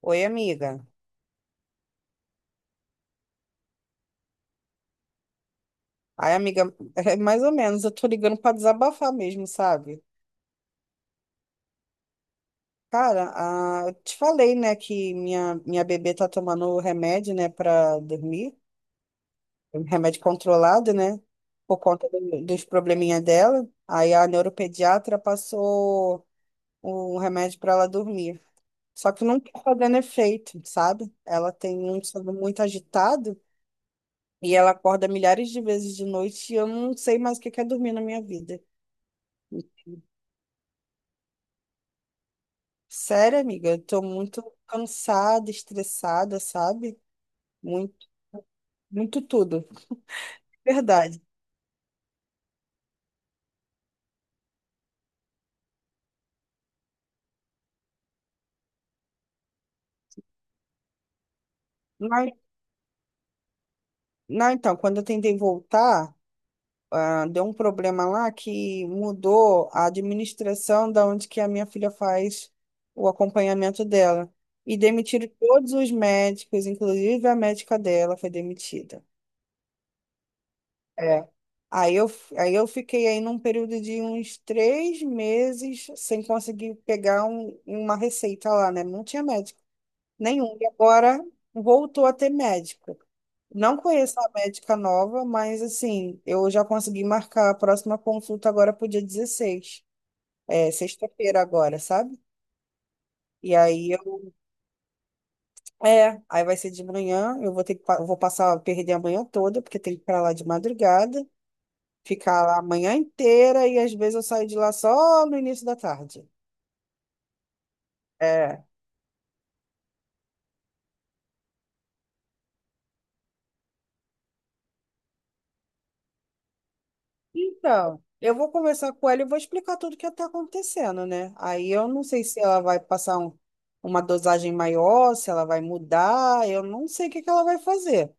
Oi, amiga. Ai, amiga, é mais ou menos, eu tô ligando pra desabafar mesmo, sabe? Cara, eu te falei, né, que minha bebê tá tomando remédio, né, pra dormir, um remédio controlado, né, por conta dos probleminha dela. Aí a neuropediatra passou um remédio pra ela dormir. Só que não tá fazendo efeito, sabe? Ela tem um sono muito agitado e ela acorda milhares de vezes de noite e eu não sei mais o que que é dormir na minha vida. Sério, amiga, eu tô muito cansada, estressada, sabe? Muito, muito tudo. Verdade. Não, não, então, quando eu tentei voltar, deu um problema lá que mudou a administração da onde que a minha filha faz o acompanhamento dela. E demitiram todos os médicos, inclusive a médica dela foi demitida. É. Aí eu fiquei aí num período de uns 3 meses sem conseguir pegar uma receita lá, né? Não tinha médico nenhum. E agora voltou a ter médico. Não conheço a médica nova, mas assim, eu já consegui marcar a próxima consulta agora pro dia 16, é, sexta-feira agora, sabe? E aí eu. É, aí vai ser de manhã, eu vou ter que, eu vou passar, perder a manhã toda, porque tem que ir pra lá de madrugada. Ficar lá a manhã inteira e às vezes eu saio de lá só no início da tarde. É. Então, eu vou conversar com ela e vou explicar tudo o que está acontecendo, né? Aí eu não sei se ela vai passar uma dosagem maior, se ela vai mudar, eu não sei o que que ela vai fazer.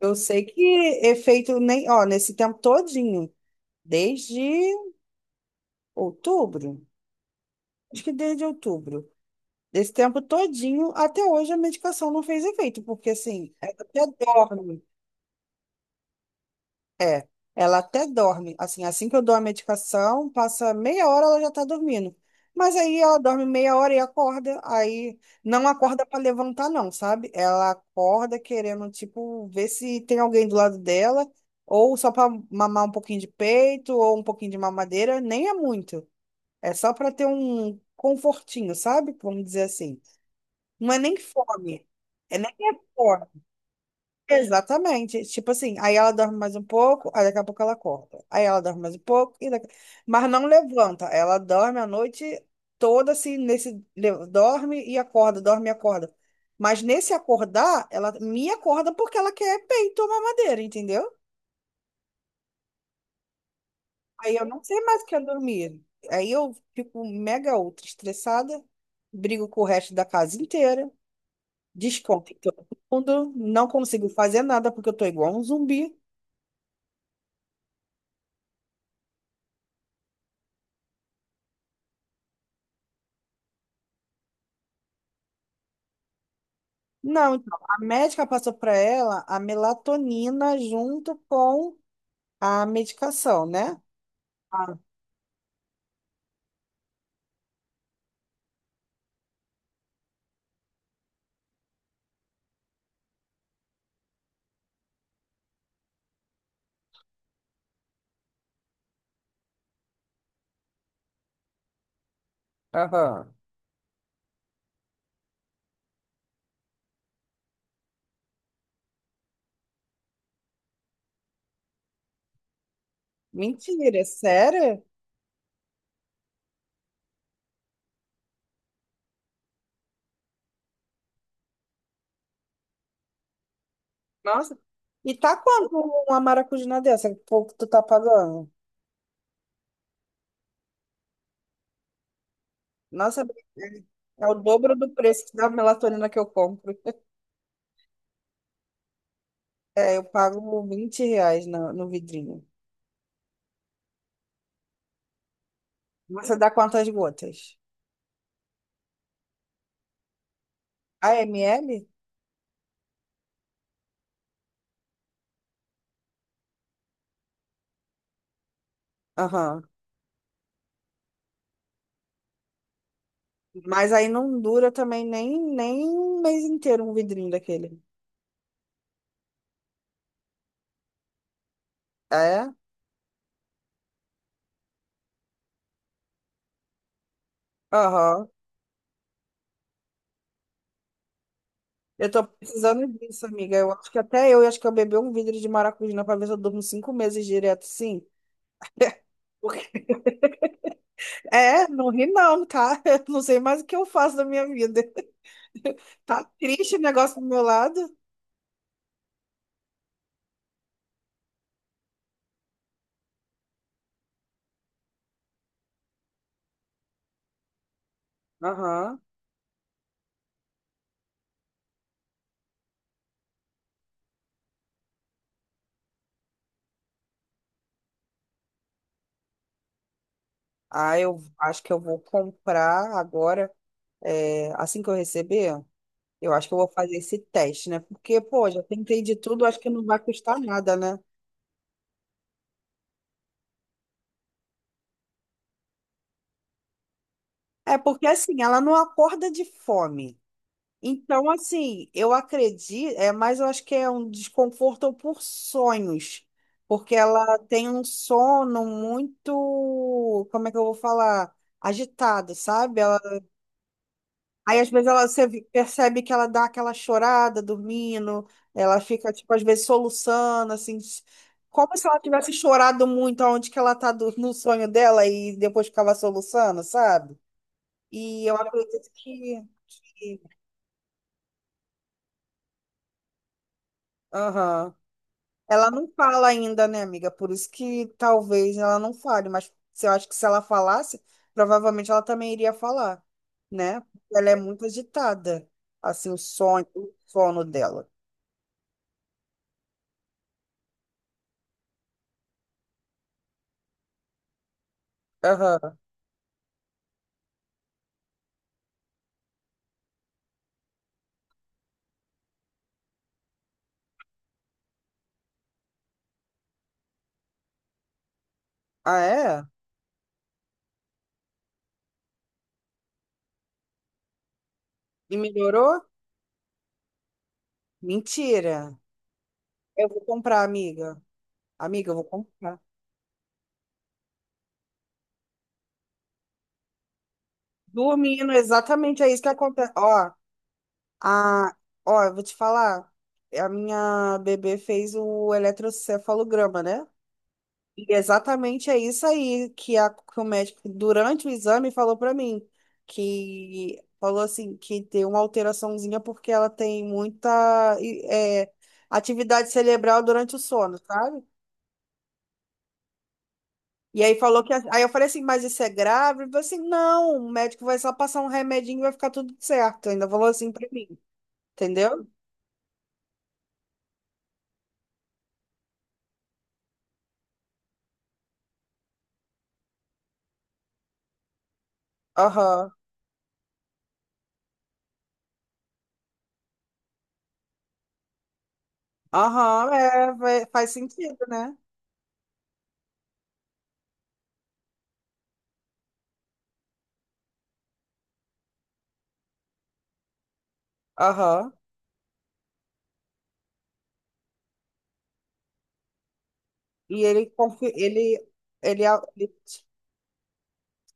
Eu sei que efeito nem, ó, nesse tempo todinho, desde outubro, acho que desde outubro, desse tempo todinho até hoje a medicação não fez efeito, porque assim, ela até dorme. É, ela até dorme. Assim, assim que eu dou a medicação, passa meia hora ela já tá dormindo. Mas aí ela dorme meia hora e acorda, aí não acorda para levantar não, sabe? Ela acorda querendo tipo ver se tem alguém do lado dela ou só para mamar um pouquinho de peito ou um pouquinho de mamadeira, nem é muito. É só para ter um confortinho, sabe? Vamos dizer assim. Não é nem fome. É nem é fome. Exatamente. Tipo assim, aí ela dorme mais um pouco, aí daqui a pouco ela acorda. Aí ela dorme mais um pouco, e daqui... mas não levanta. Ela dorme a noite toda assim, nesse, dorme e acorda, dorme e acorda. Mas nesse acordar, ela me acorda porque ela quer peito ou mamadeira, entendeu? Aí eu não sei mais o que é dormir. Aí eu fico mega ultra estressada, brigo com o resto da casa inteira, desconto em todo mundo, não consigo fazer nada porque eu tô igual um zumbi. Não, então, a médica passou para ela a melatonina junto com a medicação, né? Ah. Aham. Mentira, é sério? Nossa. E tá quanto uma maracujina dessa? Que pouco tu tá pagando? Nossa, é é o dobro do preço da melatonina que eu compro. É, eu pago R$ 20 no vidrinho. Você dá quantas gotas? A ml? Aham. Mas aí não dura também nem um mês inteiro um vidrinho daquele. É? Aham. Eu tô precisando disso, amiga. Eu acho que até eu acho que eu bebi um vidro de maracujá pra ver se eu durmo 5 meses direto, sim. Porque- É, não ri não, tá? Eu não sei mais o que eu faço da minha vida. Tá triste o negócio do meu lado. Aham. Ah, eu acho que eu vou comprar agora, é, assim que eu receber, eu acho que eu vou fazer esse teste, né? Porque, pô, já tentei de tudo, acho que não vai custar nada, né? É porque assim, ela não acorda de fome. Então, assim, eu acredito, é, mas eu acho que é um desconforto por sonhos, porque ela tem um sono muito, como é que eu vou falar? Agitado, sabe? Ela, aí, às vezes, ela percebe que ela dá aquela chorada dormindo, ela fica, tipo, às vezes, soluçando, assim, como se ela tivesse chorado muito aonde que ela tá no sonho dela e depois ficava soluçando, sabe? E eu acredito que- aham. Ela não fala ainda, né, amiga? Por isso que talvez ela não fale, mas eu acho que se ela falasse, provavelmente ela também iria falar, né? Porque ela é muito agitada, assim, o sonho, o sono dela. Aham. Ah, é? E melhorou? Mentira. Eu vou comprar, amiga. Amiga, eu vou comprar. Dormindo, exatamente é isso que acontece. Ó, a... ó, eu vou te falar. A minha bebê fez o eletrocefalograma, né? E exatamente é isso aí que, que o médico, durante o exame, falou para mim, que falou assim, que tem uma alteraçãozinha porque ela tem muita e, é, atividade cerebral durante o sono, sabe? E aí falou que, aí eu falei assim, mas isso é grave? Ele falou assim, não, o médico vai só passar um remedinho e vai ficar tudo certo. Ainda falou assim pra mim, entendeu? Aham, aham, é, faz sentido, né? Aham. E ele, confi- ele,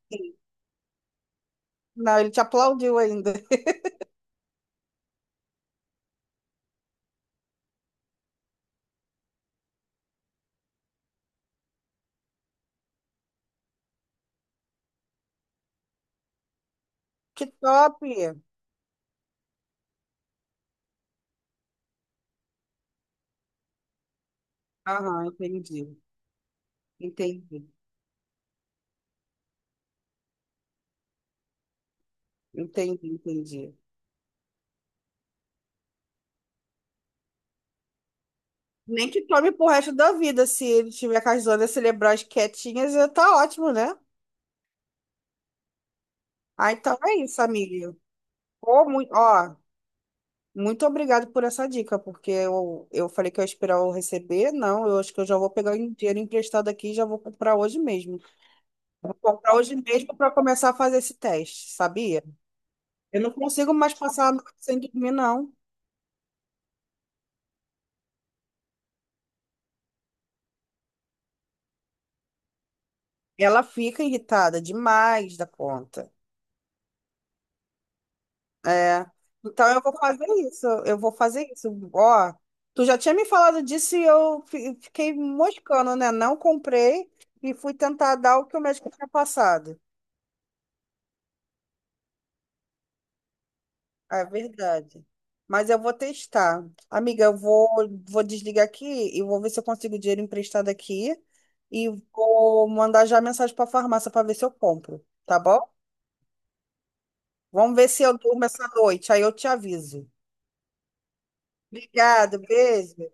ele Não, ele te aplaudiu ainda. Que top! Aham, entendi. Entendi. Entendi, entendi. Nem que tome pro resto da vida, se ele tiver com as zonas cerebrais quietinhas, já tá ótimo, né? Ah, então é isso, amiga. Pô, muito, ó, muito obrigado por essa dica, porque eu falei que eu ia esperar eu receber. Não, eu acho que eu já vou pegar o dinheiro emprestado aqui e já vou comprar hoje mesmo. Vou comprar hoje mesmo para começar a fazer esse teste, sabia? Eu não consigo mais passar a noite sem dormir, não. Ela fica irritada demais da conta. É. Então eu vou fazer isso. Eu vou fazer isso. Ó, tu já tinha me falado disso e eu fiquei moscando, né? Não comprei e fui tentar dar o que o médico tinha passado. É verdade. Mas eu vou testar. Amiga, eu vou desligar aqui e vou ver se eu consigo dinheiro emprestado aqui. E vou mandar já mensagem para a farmácia para ver se eu compro, tá bom? Vamos ver se eu durmo essa noite, aí eu te aviso. Obrigado, beijo.